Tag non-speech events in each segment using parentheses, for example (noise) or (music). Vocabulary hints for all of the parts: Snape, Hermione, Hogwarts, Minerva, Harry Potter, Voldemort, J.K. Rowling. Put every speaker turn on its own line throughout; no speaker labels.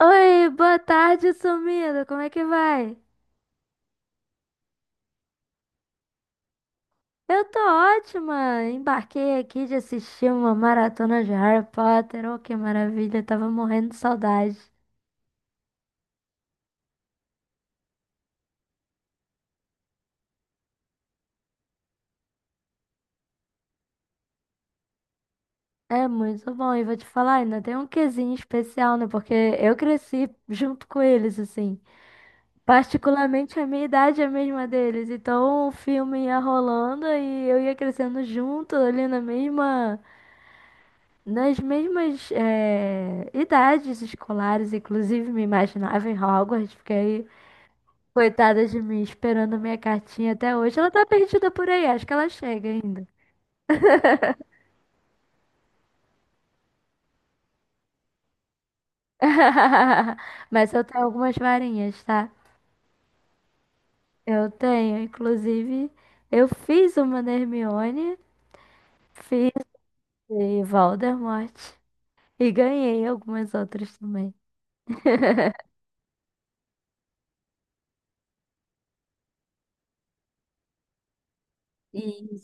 Oi, boa tarde, sumido. Como é que vai? Eu tô ótima. Embarquei aqui de assistir uma maratona de Harry Potter. Oh, que maravilha. Tava morrendo de saudade. É muito bom. E vou te falar, ainda tem um quesinho especial, né? Porque eu cresci junto com eles, assim. Particularmente a minha idade é a mesma deles. Então o filme ia rolando e eu ia crescendo junto ali na mesma. Nas mesmas idades escolares, inclusive me imaginava em Hogwarts, porque aí coitada de mim esperando minha cartinha até hoje. Ela tá perdida por aí, acho que ela chega ainda. (laughs) Mas eu tenho algumas varinhas, tá? Eu tenho, inclusive, eu fiz uma da Hermione, fiz de Voldemort e ganhei algumas outras também. (laughs) E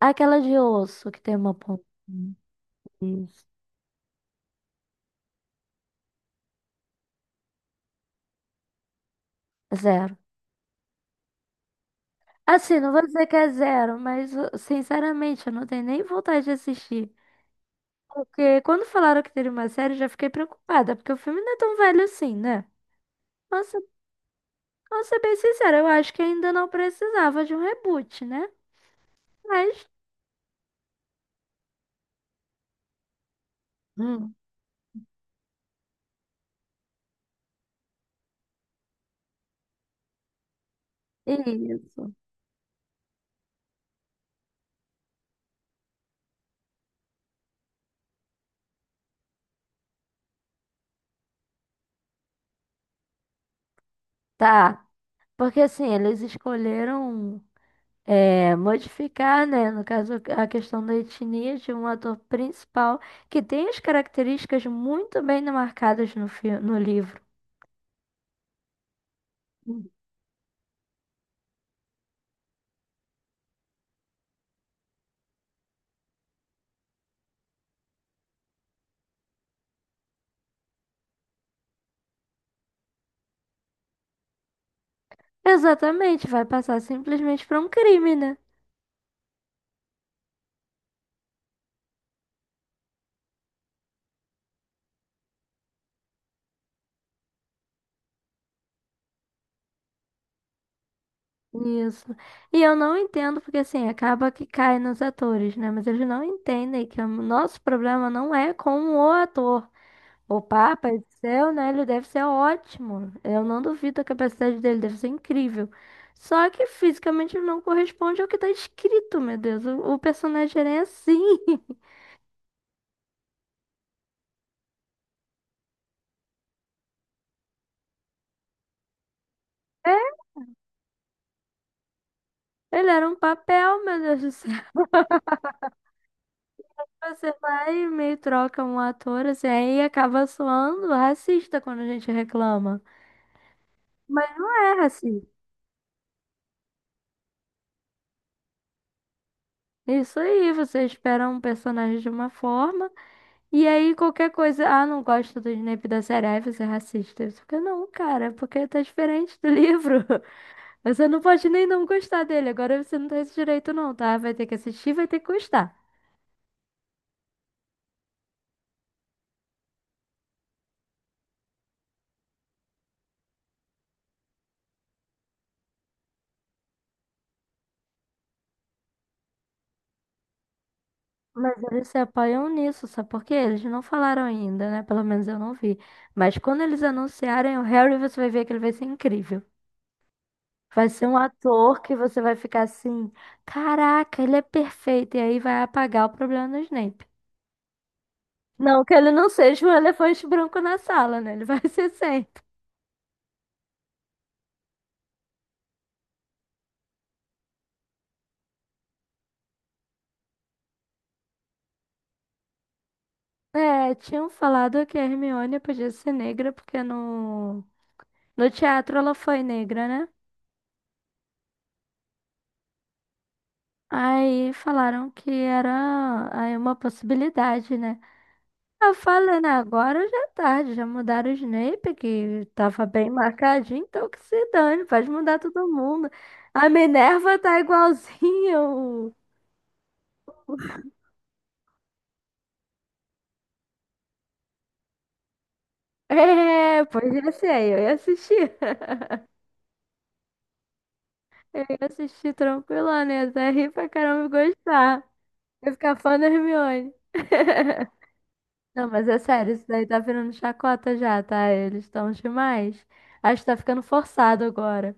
aquela de osso que tem uma ponta. Isso. Zero. Assim, não vou dizer que é zero, mas sinceramente eu não tenho nem vontade de assistir. Porque quando falaram que teria uma série, eu já fiquei preocupada, porque o filme não é tão velho assim, né? Nossa, vou ser bem sincera, eu acho que ainda não precisava de um reboot, né? Mas, hum, isso. Tá. Porque assim, eles escolheram modificar, né? No caso, a questão da etnia de um ator principal que tem as características muito bem marcadas no livro. Exatamente, vai passar simplesmente para um crime, né? Isso. E eu não entendo, porque assim, acaba que cai nos atores, né? Mas eles não entendem que o nosso problema não é com o ator. O Papa do céu, né? Ele deve ser ótimo. Eu não duvido a capacidade dele, deve ser incrível. Só que fisicamente ele não corresponde ao que tá escrito, meu Deus. O personagem era assim. (laughs) É, ele era um papel, meu Deus do céu. Você vai e meio troca um ator, assim, aí acaba soando racista quando a gente reclama. Mas não é racista. Isso aí, você espera um personagem de uma forma, e aí qualquer coisa, ah, não gosto do Snape da série, aí você é racista. Você fica, não, cara, é porque tá diferente do livro. (laughs) Você não pode nem não gostar dele, agora você não tem esse direito não, tá? Vai ter que assistir, vai ter que gostar. Mas eles se apoiam nisso, sabe por quê? Eles não falaram ainda, né? Pelo menos eu não vi. Mas quando eles anunciarem o Harry, você vai ver que ele vai ser incrível. Vai ser um ator que você vai ficar assim, caraca, ele é perfeito. E aí vai apagar o problema do Snape. Não que ele não seja um elefante branco na sala, né? Ele vai (laughs) ser sempre. É, tinham falado que a Hermione podia ser negra, porque no teatro ela foi negra, né? Aí falaram que era aí uma possibilidade, né? Eu falando agora já é tarde, já mudaram o Snape, que tava bem marcadinho, então que se dane, pode mudar todo mundo. A Minerva tá igualzinho. (laughs) É, pois ia ser, eu ia assistir. (laughs) Eu ia assistir tranquila, né? Até rir pra caramba e gostar. Eu ia ficar fã da Hermione. (laughs) Não, mas é sério, isso daí tá virando chacota já, tá? Eles estão demais. Acho que tá ficando forçado agora.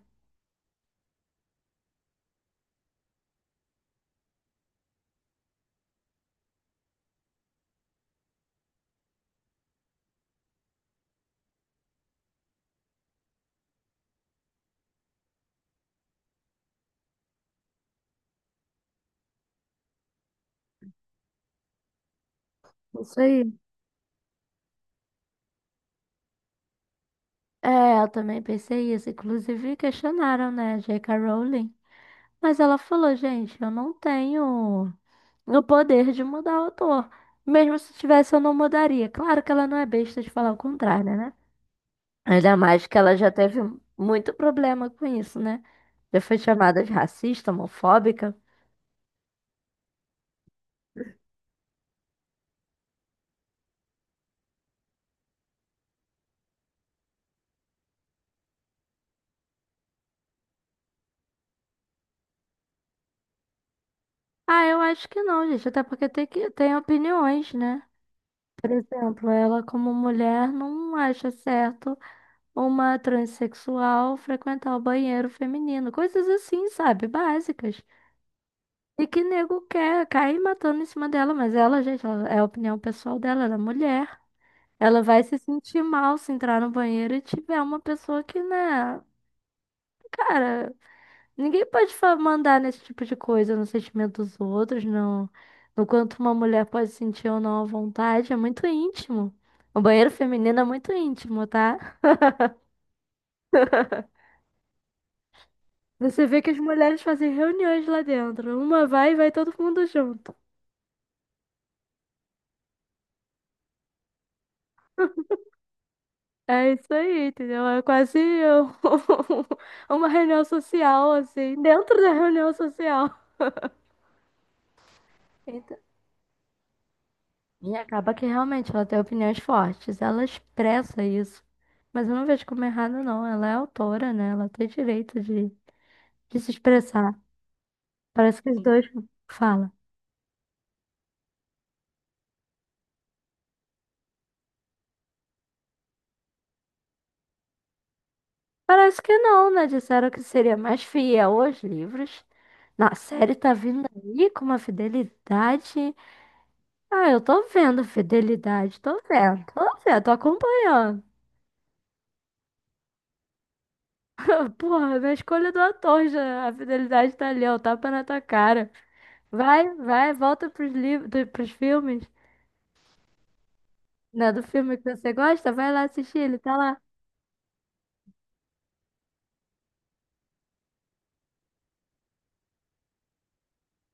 Isso aí. É, eu também pensei isso. Inclusive, questionaram, né, J.K. Rowling. Mas ela falou, gente, eu não tenho o poder de mudar o autor. Mesmo se tivesse, eu não mudaria. Claro que ela não é besta de falar o contrário, né? Ainda mais que ela já teve muito problema com isso, né? Já foi chamada de racista, homofóbica. Ah, eu acho que não, gente. Até porque tem que tem opiniões, né? Por exemplo, ela como mulher não acha certo uma transexual frequentar o banheiro feminino, coisas assim, sabe? Básicas. E que nego quer cair matando em cima dela, mas ela, gente, é a opinião pessoal dela, ela é mulher. Ela vai se sentir mal se entrar no banheiro e tiver uma pessoa que, né, cara, ninguém pode mandar nesse tipo de coisa, no sentimento dos outros, no quanto uma mulher pode sentir ou não à vontade, é muito íntimo. O banheiro feminino é muito íntimo, tá? Você vê que as mulheres fazem reuniões lá dentro. Uma vai e vai todo mundo junto. É isso aí, entendeu? É quase um- (laughs) uma reunião social, assim, dentro da reunião social. Então, e acaba que realmente ela tem opiniões fortes, ela expressa isso. Mas eu não vejo como errado, não. Ela é autora, né? Ela tem direito de se expressar. Parece que os Sim. dois falam. Parece que não, né? Disseram que seria mais fiel aos livros. Na série tá vindo aí com uma fidelidade. Ah, eu tô vendo fidelidade, tô vendo, tô vendo, tô acompanhando. (laughs) Porra, na escolha do ator já, a fidelidade tá ali, ó, o tapa na tua cara. Vai, vai, volta pros livros, pros filmes, né? Do filme que você gosta, vai lá assistir, ele tá lá.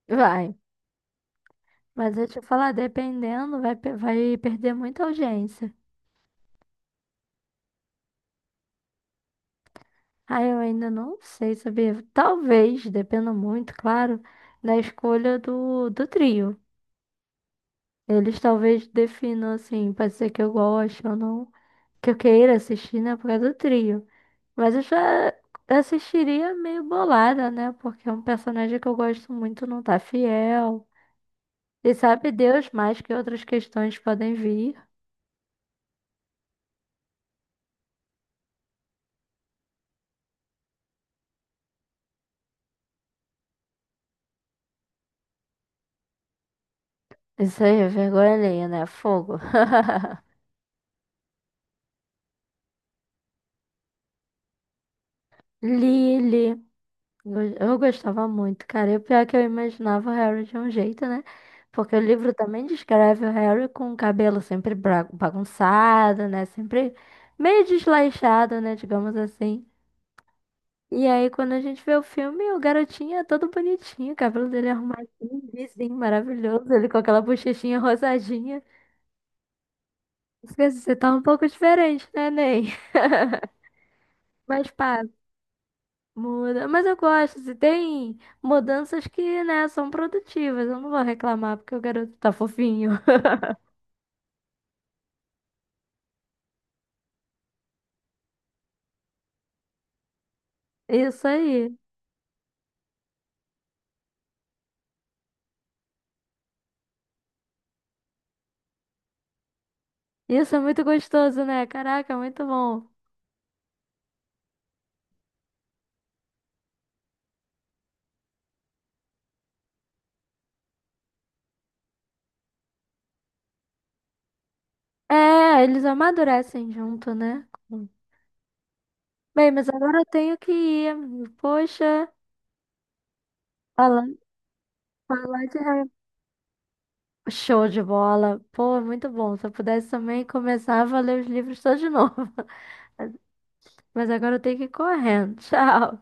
Vai. Mas deixa eu falar, dependendo, vai, vai perder muita audiência. Ah, eu ainda não sei, sabia? Talvez, dependa muito, claro, da escolha do trio. Eles talvez definam assim, pode ser que eu goste ou não, que eu queira assistir, né, por causa do trio. Mas eu já assistiria meio bolada, né? Porque é um personagem que eu gosto muito, não tá fiel. E sabe Deus mais que outras questões podem vir. Isso aí é vergonha alheia, né? Fogo. (laughs) Lily. Go- eu gostava muito, cara. E o pior é que eu imaginava o Harry de um jeito, né? Porque o livro também descreve o Harry com o cabelo sempre bagunçado, né? Sempre meio desleixado, né? Digamos assim. E aí, quando a gente vê o filme, o garotinho é todo bonitinho, o cabelo dele é arrumadinho, lisinho, maravilhoso, ele com aquela bochechinha rosadinha. Você tá um pouco diferente, né, Ney? (laughs) Mas pá. Muda, mas eu gosto, se tem mudanças que, né, são produtivas. Eu não vou reclamar porque o garoto tá fofinho. (laughs) Isso aí. Isso é muito gostoso, né? Caraca, muito bom. É, eles amadurecem junto, né? Bem, mas agora eu tenho que ir. Poxa, falar, falar de Harry- show de bola. Pô, muito bom. Se eu pudesse também começar a ler os livros todos de novo. (laughs) Mas agora eu tenho que ir correndo. Tchau.